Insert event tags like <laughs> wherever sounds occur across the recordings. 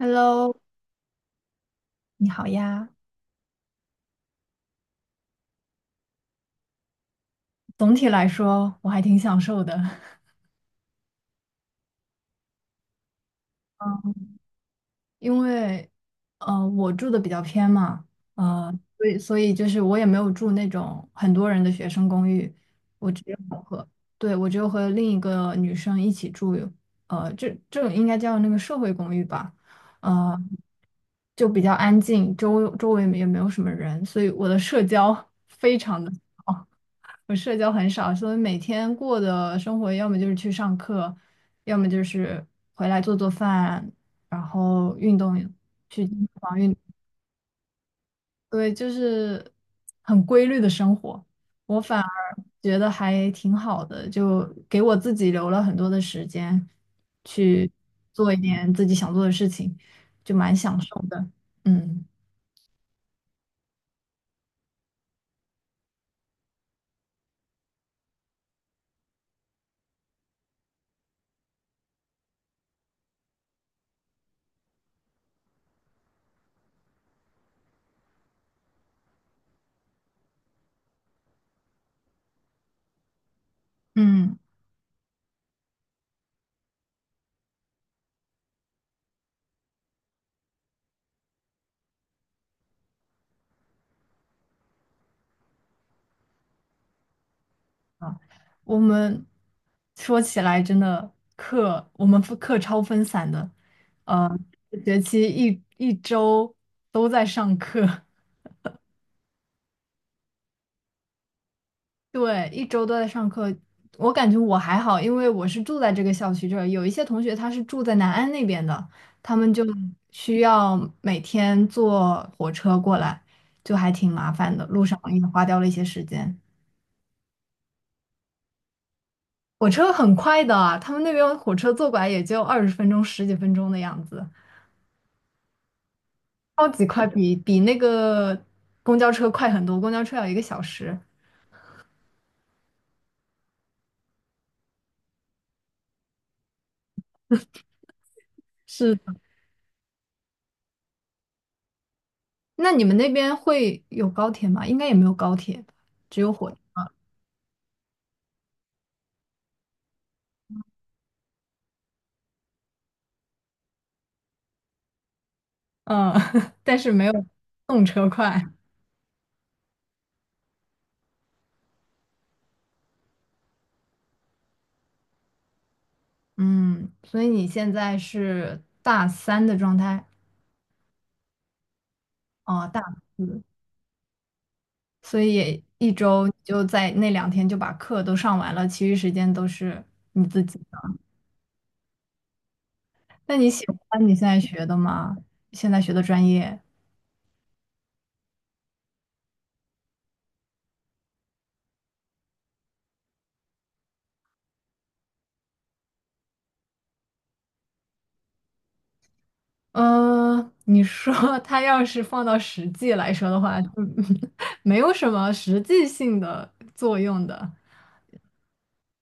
Hello，你好呀。总体来说我还挺享受的，<laughs> 嗯，因为我住的比较偏嘛，呃，所以就是我也没有住那种很多人的学生公寓。我只有和，对，我只有和另一个女生一起住。这种应该叫那个社会公寓吧，呃，就比较安静，周围也没有什么人，所以我的社交非常的少。<laughs> 我社交很少，所以每天过的生活要么就是去上课，要么就是回来做做饭，然后运动，去健身房运，对，就是很规律的生活。我反而觉得还挺好的，就给我自己留了很多的时间去做一点自己想做的事情，就蛮享受的。嗯嗯。啊，我们说起来真的课，我们分课超分散的。呃，学期一周都在上课。<laughs> 对，一周都在上课。我感觉我还好，因为我是住在这个校区这儿，有一些同学他是住在南安那边的，他们就需要每天坐火车过来，就还挺麻烦的，路上也花掉了一些时间。火车很快的啊，他们那边火车坐过来也就20分钟、十几分钟的样子。超级快，比那个公交车快很多，公交车要一个小时。是的。那你们那边会有高铁吗？应该也没有高铁吧，只有火车。嗯，<laughs> 但是没有动车快。嗯，所以你现在是大三的状态？啊，大四，所以也一周就在那2天就把课都上完了，其余时间都是你自己的。那你喜欢你现在学的吗？现在学的专业？嗯，你说 <laughs> 它要是放到实际来说的话，嗯，<laughs> 没有什么实际性的作用的，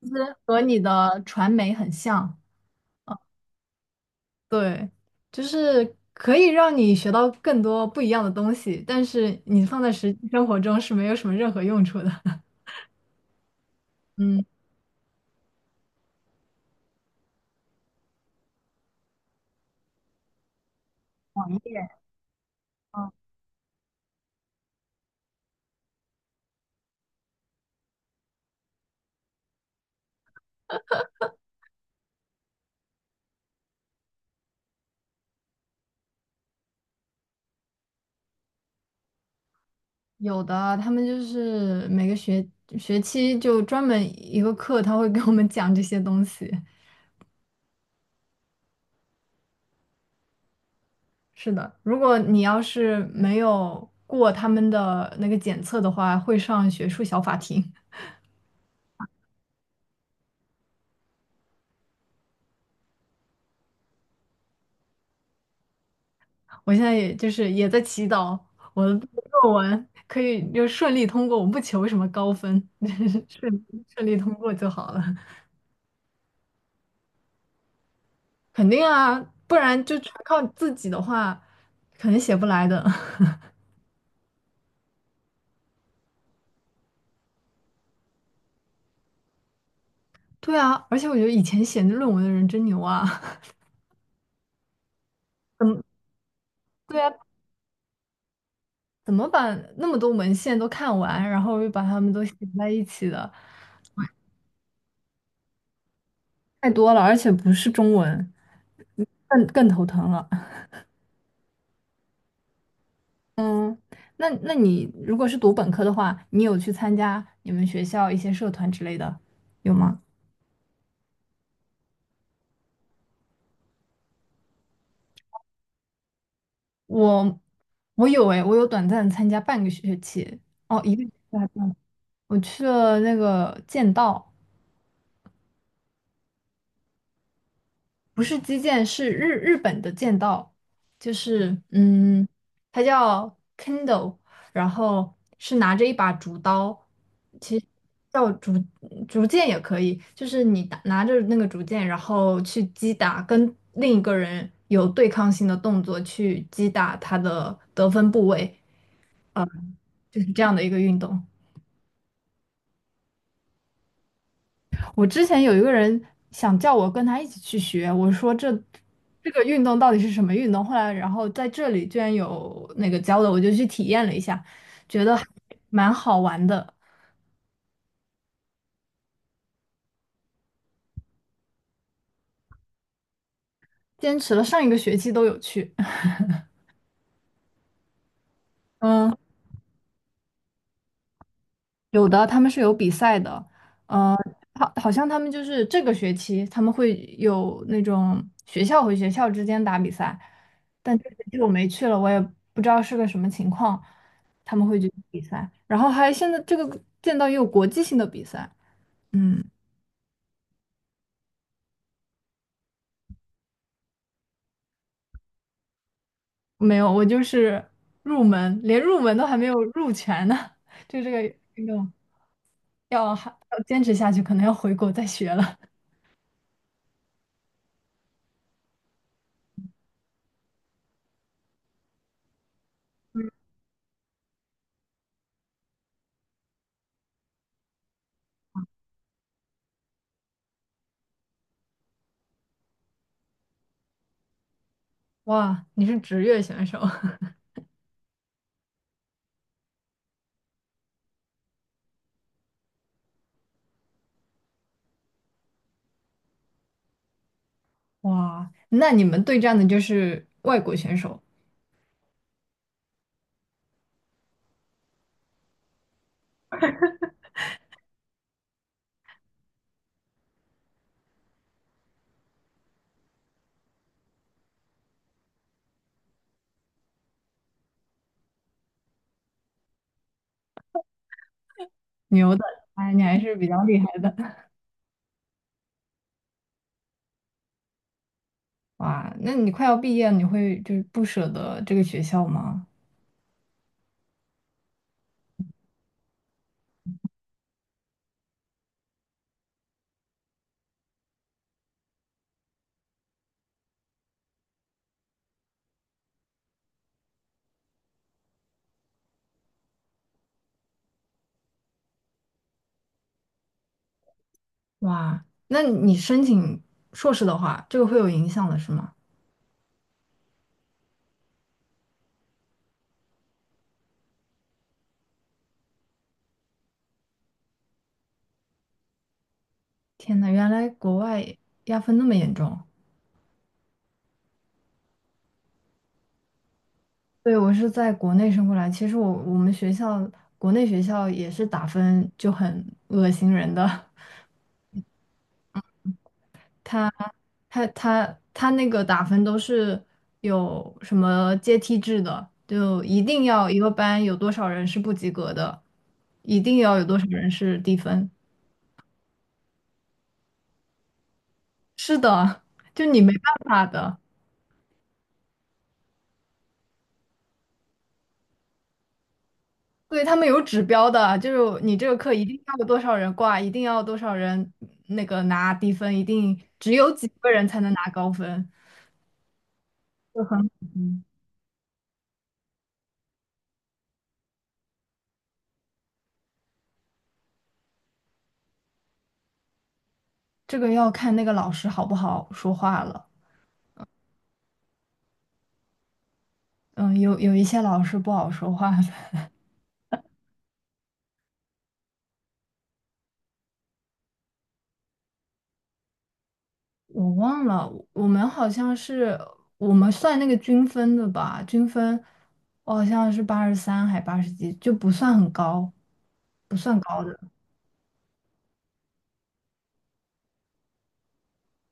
就是和你的传媒很像。对，就是可以让你学到更多不一样的东西，但是你放在实际生活中是没有什么任何用处的。<laughs> 嗯，网页。嗯，有的，他们就是每个学期就专门一个课，他会给我们讲这些东西。是的，如果你要是没有过他们的那个检测的话，会上学术小法庭。<laughs> 我现在也就是也在祈祷我的论文可以就顺利通过，我不求什么高分，<laughs> 顺顺利通过就好了。肯定啊，不然就全靠自己的话，肯定写不来的。<laughs> 对啊，而且我觉得以前写论文的人真牛啊。<laughs> 怎么对啊，怎么把那么多文献都看完，然后又把它们都写在一起的？太多了，而且不是中文，更头疼了。嗯，那你如果是读本科的话，你有去参加你们学校一些社团之类的，有吗？我我有诶，我有短暂参加半个学期，哦，一个学期还不到。我去了那个剑道。不是击剑，是日本的剑道，就是它叫 Kendo,然后是拿着一把竹刀。其实叫竹剑也可以，就是你打拿着那个竹剑，然后去击打跟另一个人有对抗性的动作去击打他的得分部位，就是这样的一个运动。我之前有一个人想叫我跟他一起去学，我说这个运动到底是什么运动？后来然后在这里居然有那个教的，我就去体验了一下，觉得还蛮好玩的。坚持了上一个学期都有去。<laughs> 嗯。有的，他们是有比赛的，呃，好像他们就是这个学期他们会有那种学校和学校之间打比赛，但这学期我没去了，我也不知道是个什么情况，他们会去比赛，然后还现在这个见到也有国际性的比赛。嗯，没有，我就是入门，连入门都还没有入全呢，<laughs> 就这个运动要还要坚持下去，可能要回国再学了。哇，你是职业选手。<laughs> 哇，那你们对战的就是外国选手。牛的。哎，你还是比较厉害的。哇，那你快要毕业了，你会就是不舍得这个学校吗？哇，那你申请硕士的话，这个会有影响的是吗？天呐，原来国外压分那么严重。对，我是在国内升过来，其实我们学校国内学校也是打分就很恶心人的。<laughs> 他他那个打分都是有什么阶梯制的，就一定要一个班有多少人是不及格的，一定要有多少人是低分。是的，就你没办法的。对，他们有指标的，就是你这个课一定要有多少人挂，一定要多少人那个拿低分，一定只有几个人才能拿高分，就很嗯，这个要看那个老师好不好说话了。嗯，有一些老师不好说话，的。我忘了，我们好像是我们算那个均分的吧，均分我好像是83还八十几，就不算很高，不算高的。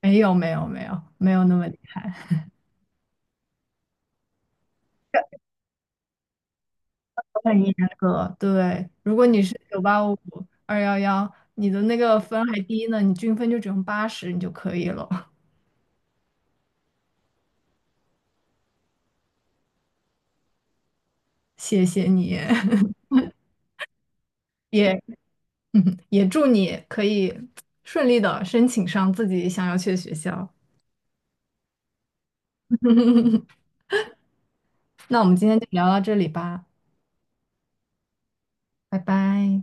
没有没有没有没有那么厉害。很严格。对，如果你是985、211，你的那个分还低呢，你均分就只用八十你就可以了。<laughs> 谢谢你，<laughs> 也也祝你可以顺利的申请上自己想要去的学校。<laughs> 那我们今天就聊到这里吧。拜拜。